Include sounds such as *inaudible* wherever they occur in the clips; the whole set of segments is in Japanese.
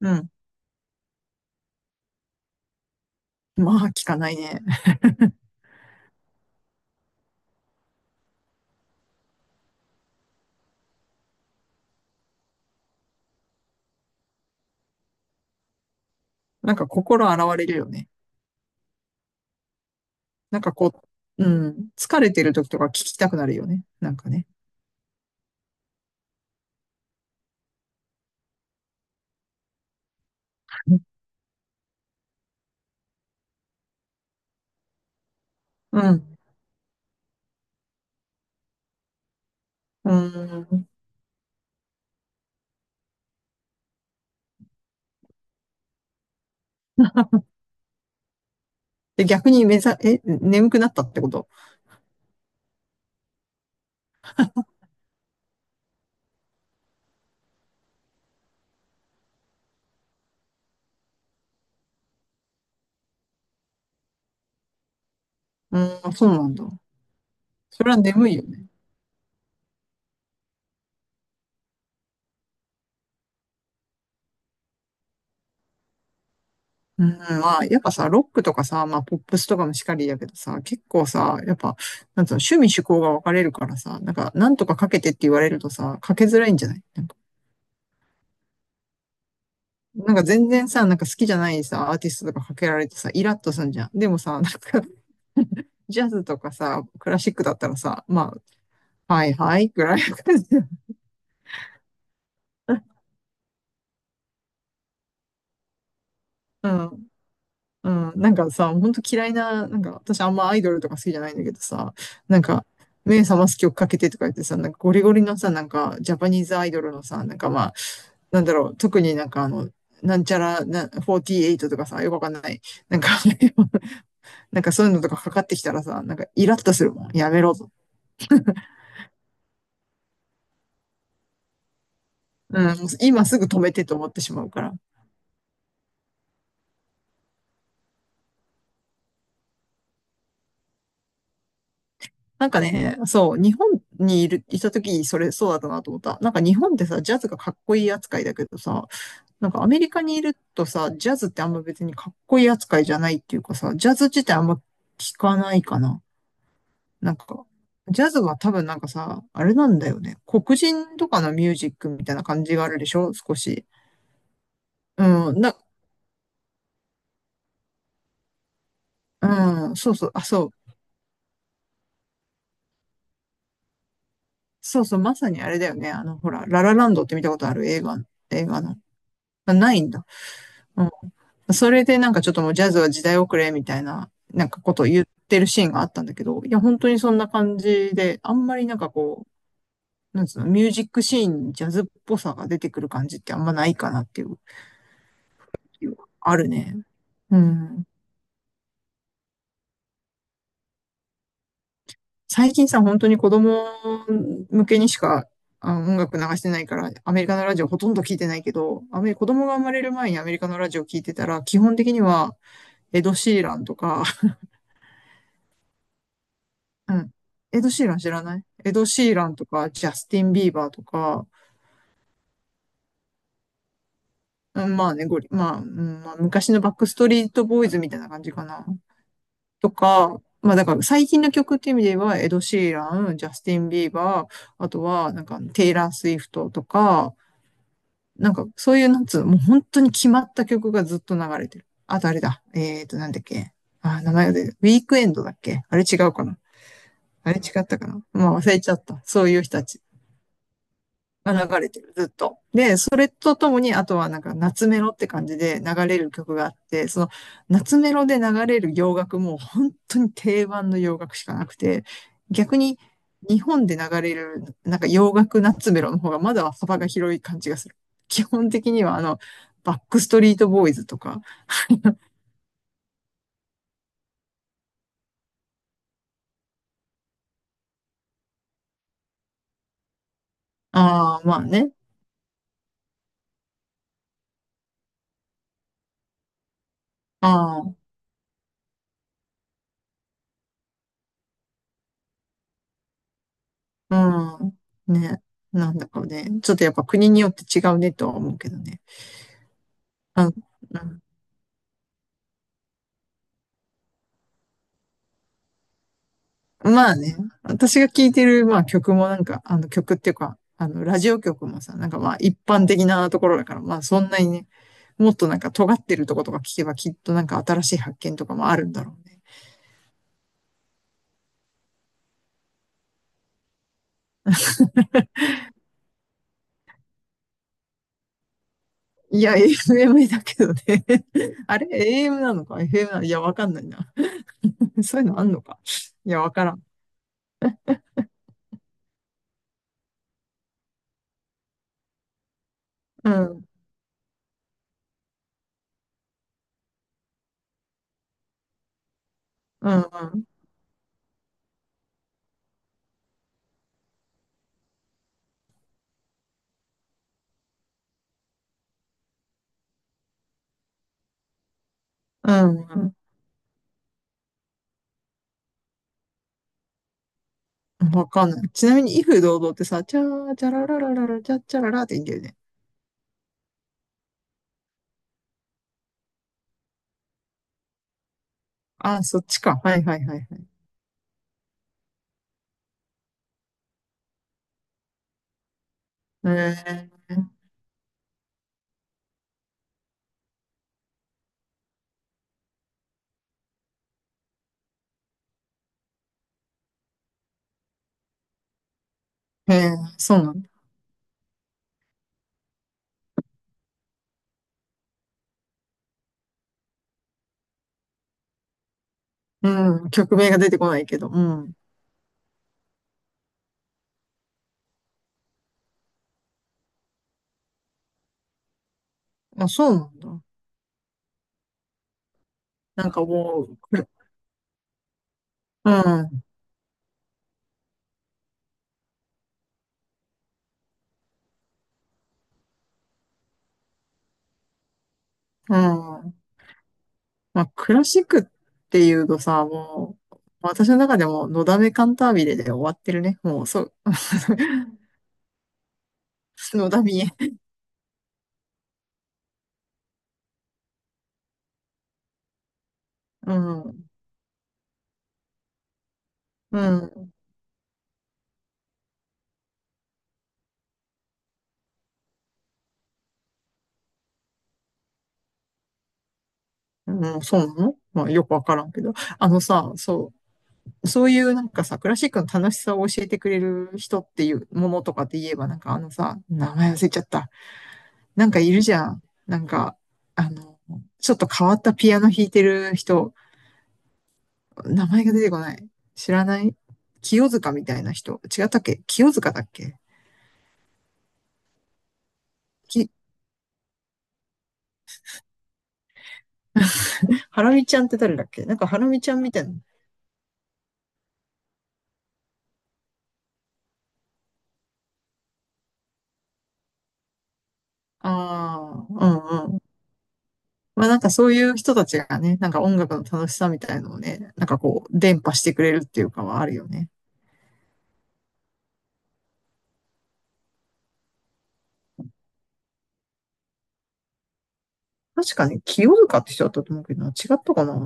うん。まあ、聞かないね。なんか心洗われるよね。なんかこ疲れてる時とか聞きたくなるよね。なんかね。うん。うん。で、逆に目ざ、眠くなったってこと？うん、そうなんだ。それは眠いよね。うん、まあ、やっぱさ、ロックとかさ、まあ、ポップスとかもしかりだけどさ、結構さ、やっぱ、なんつうの、趣味趣向が分かれるからさ、なんか、なんとかかけてって言われるとさ、かけづらいんじゃない？なんか全然さ、なんか好きじゃないさ、アーティストとかかけられてさ、イラッとすんじゃん。でもさ、なんか、*laughs* ジャズとかさ、クラシックだったらさ、まあ、はいはいぐらいの感じだよ。 *laughs* うん、うん。なんかさ、ほんと嫌いな、なんか、私あんまアイドルとか好きじゃないんだけどさ、なんか、目覚ます曲かけてとか言ってさ、なんかゴリゴリのさ、なんか、ジャパニーズアイドルのさ、なんかまあ、なんだろう、特になんちゃらな、48とかさ、よくわかんない。なんか *laughs* なんかそういうのとかかかってきたらさ、なんかイラッとするもん。やめろと。うん、今すぐ止めてと思ってしまうから。なんかね、そう、日本にいる、いた時、それそうだったなと思った。なんか日本ってさ、ジャズがかっこいい扱いだけどさ、なんかアメリカにいるとさ、ジャズってあんま別にかっこいい扱いじゃないっていうかさ、ジャズ自体あんま聞かないかな。なんか、ジャズは多分なんかさ、あれなんだよね。黒人とかのミュージックみたいな感じがあるでしょ少し。うん、うん、そうそう、あ、そう、そうそう、まさにあれだよね。あの、ほら、ララランドって見たことある映画、映画の。まあないんだ。うん。それでなんかちょっともうジャズは時代遅れみたいな、なんかことを言ってるシーンがあったんだけど、いや、本当にそんな感じで、あんまりなんつうの、ミュージックシーンにジャズっぽさが出てくる感じってあんまないかなっていう、あるね。うん。最近さ、本当に子供向けにしか、あ音楽流してないから、アメリカのラジオほとんど聞いてないけど、アメリ子供が生まれる前にアメリカのラジオ聞いてたら、基本的には、エド・シーランとか、うん。エド・シーラン知らない？エド・シーランとか、ジャスティン・ビーバーとか、うん、まあね、ゴリ、まあ、うん、まあ、昔のバックストリート・ボーイズみたいな感じかな。とか、まあだから最近の曲っていう意味では、エド・シーラン、ジャスティン・ビーバー、あとは、なんか、テイラー・スウィフトとか、なんか、そういう、なんつうの、もう本当に決まった曲がずっと流れてる。あとあれだ。なんだっけ。あ、名前が出てる。ウィークエンドだっけ？あれ違うかな？あれ違ったかな？まあ忘れちゃった。そういう人たち。が流れてる、ずっと。で、それとともに、あとはなんか夏メロって感じで流れる曲があって、その夏メロで流れる洋楽も本当に定番の洋楽しかなくて、逆に日本で流れるなんか洋楽夏メロの方がまだ幅が広い感じがする。基本的にはあの、バックストリートボーイズとか、ああ、まあね、ああ、うん、ね、なんだかね、ちょっとやっぱ国によって違うねとは思うけどね。あ、うん、まあね、私が聴いてる、まあ曲もなんか、あの曲っていうか、あの、ラジオ曲もさ、なんかまあ一般的なところだから、まあそんなにね、もっとなんか尖ってるとことか聞けばきっとなんか新しい発見とかもあるんだろうね。いや、FM だけどね。*laughs* あれ？ AM なのか？ FM なのか、いや、わかんないな。*laughs* そういうのあんのか？いや、わからん。うん、うん、うん、うん、うん。わかんない。ちなみに、威風堂々ってさ、チャー、チャラララララ、チャッチャララって言うんだよね。あ、そっちか。はいはいはいはい。えー、ええ、そうなんだ。うん、曲名が出てこないけど、うん。あ、そうなんだ。なんかもう、く、うん、うん。まあ、クラシックっていうとさ、もう、私の中でも、のだめカンタービレで終わってるね。もう、そう、*laughs* のだみえ。うん、うん、うん、そうなの？まあ、よくわからんけど。あのさ、そう、そういうなんかさ、クラシックの楽しさを教えてくれる人っていうものとかって言えば、なんかあのさ、名前忘れちゃった。なんかいるじゃん。なんか、あの、ちょっと変わったピアノ弾いてる人、名前が出てこない。知らない？清塚みたいな人。違ったっけ？清塚だっけ？き、ハラミちゃんって誰だっけ？なんかハラミちゃんみたいな。ああ、うんうん。まあなんかそういう人たちがね、なんか音楽の楽しさみたいのをね、なんかこう、伝播してくれるっていうかはあるよね。確かに清塚って人だったと思うけど違ったかな？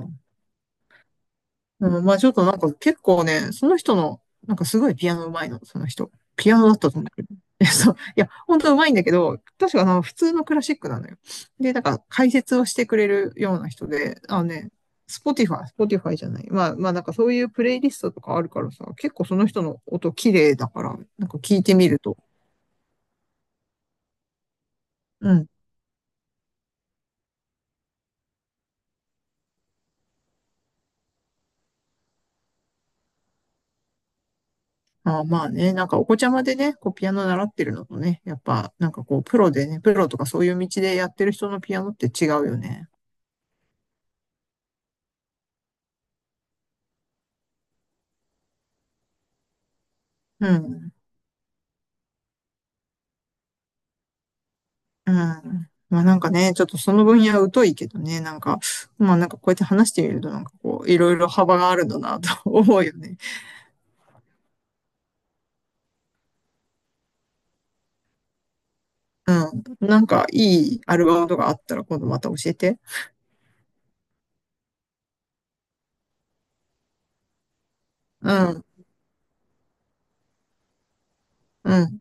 うん、まあちょっとなんか結構ね、その人の、なんかすごいピアノ上手いの、その人。ピアノだったと思うんだけど。*laughs* そう。いや、本当上手いんだけど、確かあの、普通のクラシックなのよ。で、なんか解説をしてくれるような人で、あのね、スポティファイ、スポティファイじゃない。まあまあなんかそういうプレイリストとかあるからさ、結構その人の音綺麗だから、なんか聞いてみると。うん。ああまあね、なんかお子ちゃまでね、こうピアノ習ってるのとね、やっぱなんかこうプロでね、プロとかそういう道でやってる人のピアノって違うよね。うん。うん。まあなんかね、ちょっとその分野疎いけどね、なんか、まあなんかこうやって話してみるとなんかこう、いろいろ幅があるんだなと *laughs* 思うよね。うん。なんかいいアルバムとかあったら今度また教えて。うん。うん。